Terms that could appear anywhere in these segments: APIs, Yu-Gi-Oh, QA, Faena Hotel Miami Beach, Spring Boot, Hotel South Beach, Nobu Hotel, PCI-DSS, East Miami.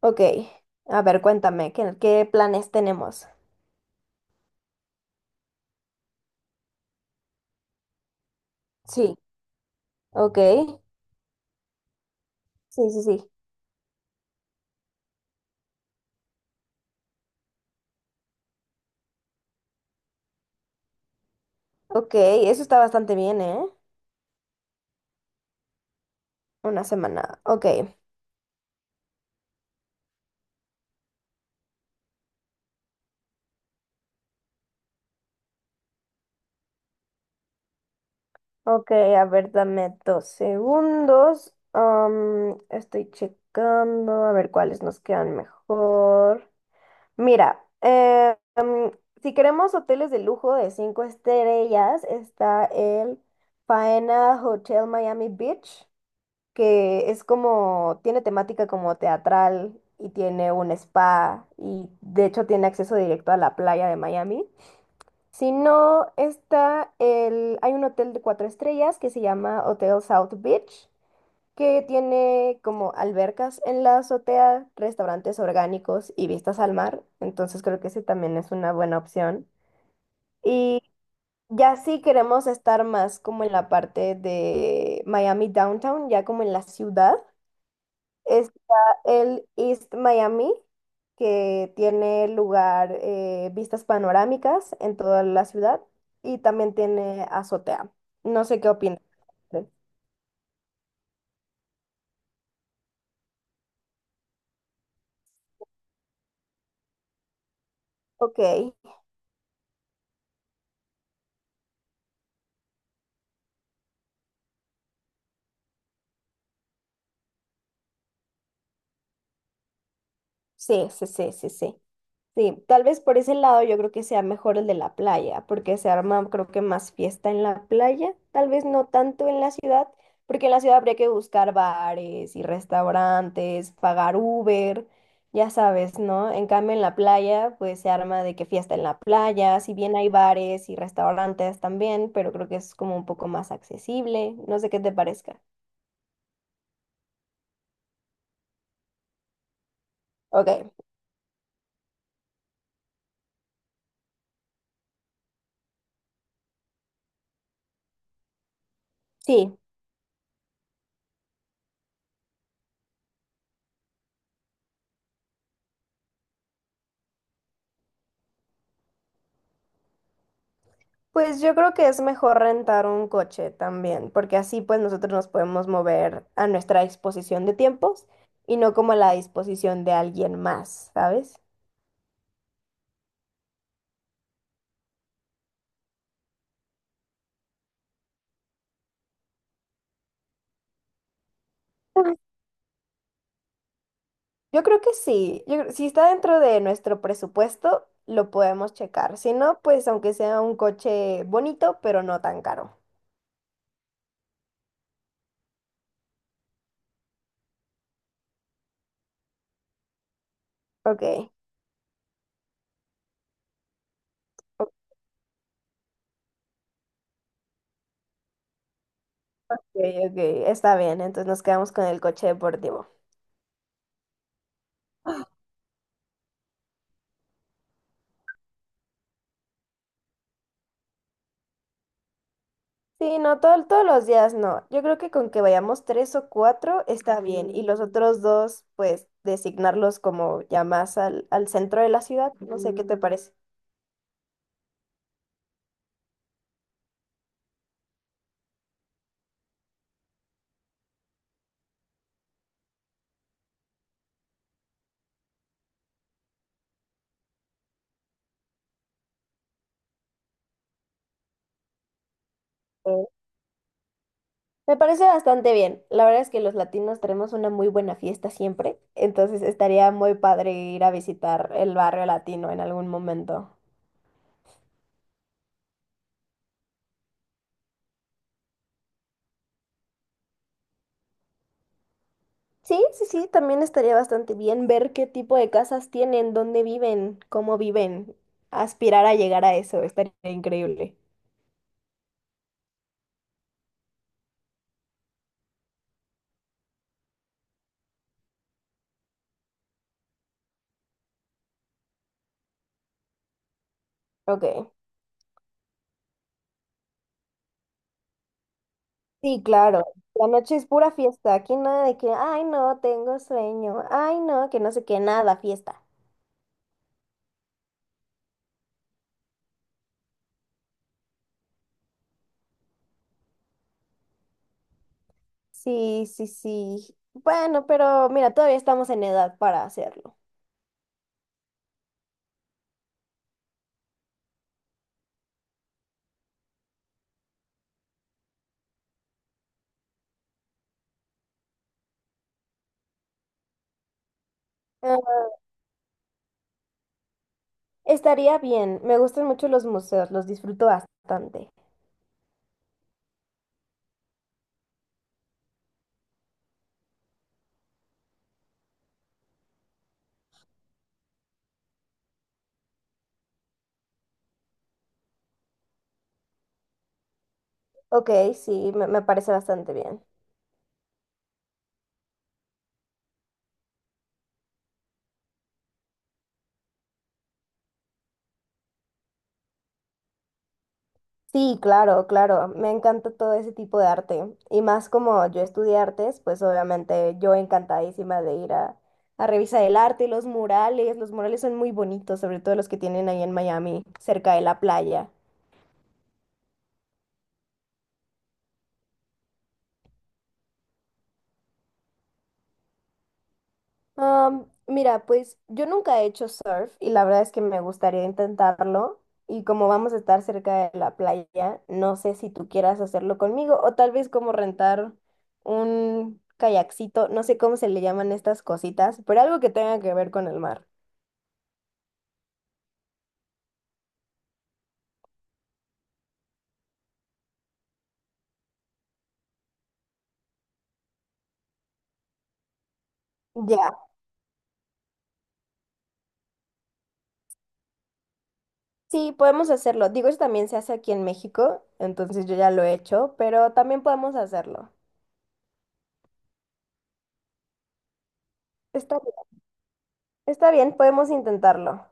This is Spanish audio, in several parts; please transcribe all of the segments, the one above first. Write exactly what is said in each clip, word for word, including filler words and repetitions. Ok, a ver, cuéntame, ¿qué, qué planes tenemos? Sí, ok, sí, sí, sí. Ok, eso está bastante bien, ¿eh? Una semana, ok. Ok, a ver, dame dos segundos. Am, estoy checando, a ver cuáles nos quedan mejor. Mira, eh, am, si queremos hoteles de lujo de cinco estrellas, está el Faena Hotel Miami Beach, que es como, tiene temática como teatral y tiene un spa y de hecho tiene acceso directo a la playa de Miami. Si no, está el, hay un hotel de cuatro estrellas que se llama Hotel South Beach, que tiene como albercas en la azotea, restaurantes orgánicos y vistas al mar. Entonces creo que ese también es una buena opción. Y ya sí queremos estar más como en la parte de Miami Downtown, ya como en la ciudad. Está el East Miami, que tiene lugar eh, vistas panorámicas en toda la ciudad y también tiene azotea. No sé qué opinas. Ok, sí, sí, sí, sí, sí. Sí, tal vez por ese lado yo creo que sea mejor el de la playa, porque se arma creo que más fiesta en la playa, tal vez no tanto en la ciudad, porque en la ciudad habría que buscar bares y restaurantes, pagar Uber, ya sabes, ¿no? En cambio en la playa pues se arma de que fiesta en la playa, si bien hay bares y restaurantes también, pero creo que es como un poco más accesible, no sé qué te parezca. Ok, sí. Pues yo creo que es mejor rentar un coche también, porque así pues nosotros nos podemos mover a nuestra disposición de tiempos y no como a la disposición de alguien más, ¿sabes? Yo creo que sí. Yo creo- si está dentro de nuestro presupuesto, lo podemos checar. Si no, pues aunque sea un coche bonito, pero no tan caro. Ok, ok, ok, está bien. Entonces nos quedamos con el coche deportivo. Sí, no, todo, todos los días no. Yo creo que con que vayamos tres o cuatro está bien. Y los otros dos, pues, designarlos como ya más al, al centro de la ciudad. No sé qué te parece. Eh, Me parece bastante bien. La verdad es que los latinos tenemos una muy buena fiesta siempre. Entonces estaría muy padre ir a visitar el barrio latino en algún momento. Sí, sí, sí, también estaría bastante bien ver qué tipo de casas tienen, dónde viven, cómo viven. Aspirar a llegar a eso, estaría increíble. Ok. Sí, claro. La noche es pura fiesta. Aquí nada de que, ay, no, tengo sueño. Ay, no, que no sé qué, nada, fiesta. Sí, sí, sí. Bueno, pero mira, todavía estamos en edad para hacerlo. Ah, estaría bien. Me gustan mucho los museos, los disfruto bastante. Ok, sí, me, me parece bastante bien. Sí, claro, claro. Me encanta todo ese tipo de arte. Y más como yo estudié artes, pues obviamente yo encantadísima de ir a, a revisar el arte y los murales. Los murales son muy bonitos, sobre todo los que tienen ahí en Miami, cerca de la playa. Am, mira, pues yo nunca he hecho surf y la verdad es que me gustaría intentarlo. Y como vamos a estar cerca de la playa, no sé si tú quieras hacerlo conmigo o tal vez como rentar un kayakcito, no sé cómo se le llaman estas cositas, pero algo que tenga que ver con el mar. Ya, sí, podemos hacerlo. Digo, eso también se hace aquí en México, entonces yo ya lo he hecho, pero también podemos hacerlo. Está bien, está bien, podemos intentarlo.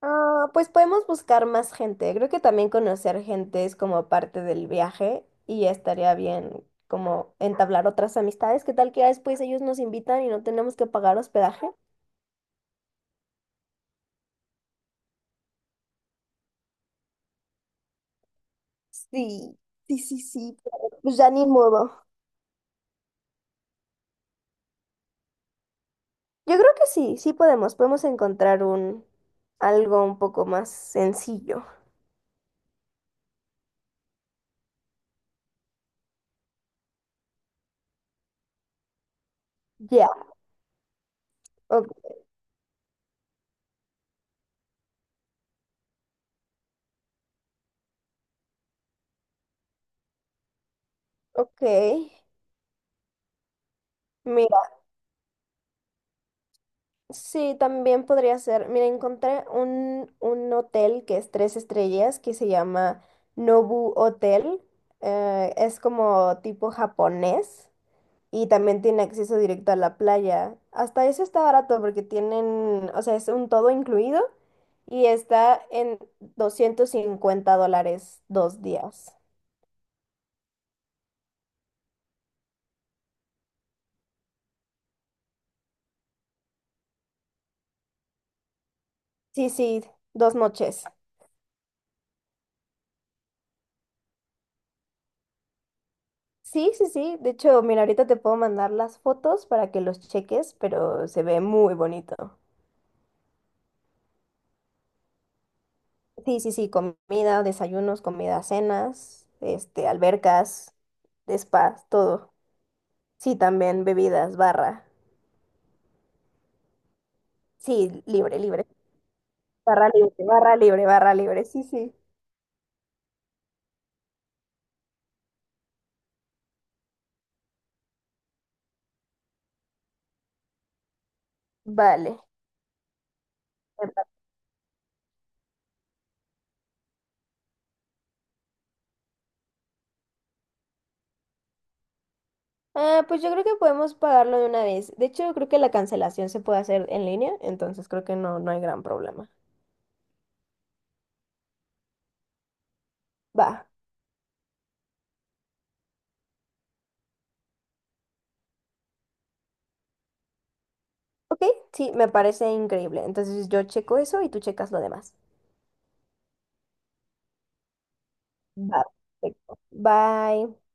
Ah, pues podemos buscar más gente. Creo que también conocer gente es como parte del viaje y estaría bien como entablar otras amistades. ¿Qué tal que ya después ellos nos invitan y no tenemos que pagar hospedaje? Sí, sí, sí, sí. pero, Pues ya ni modo. Yo creo que sí, sí podemos. Podemos encontrar un algo un poco más sencillo. Ya, o- ok. Sí, también podría ser. Mira, encontré un, un hotel que es tres estrellas que se llama Nobu Hotel. Eh, es como tipo japonés y también tiene acceso directo a la playa. Hasta eso está barato porque tienen, o sea, es un todo incluido y está en doscientos cincuenta dólares dos días. Sí, sí, dos noches. Sí, sí, sí. De hecho, mira, ahorita te puedo mandar las fotos para que los cheques, pero se ve muy bonito. Sí, sí, sí, comida, desayunos, comida, cenas, este, albercas, spas, todo. Sí, también bebidas, barra. Sí, libre, libre. Barra libre, barra libre, barra libre. Sí, sí. Vale. Ah, pues yo creo que podemos pagarlo de una vez. De hecho, creo que la cancelación se puede hacer en línea, entonces creo que no, no hay gran problema. Va. Ok, sí, me parece increíble. Entonces yo checo eso y tú checas lo demás. Va. Perfecto. Bye.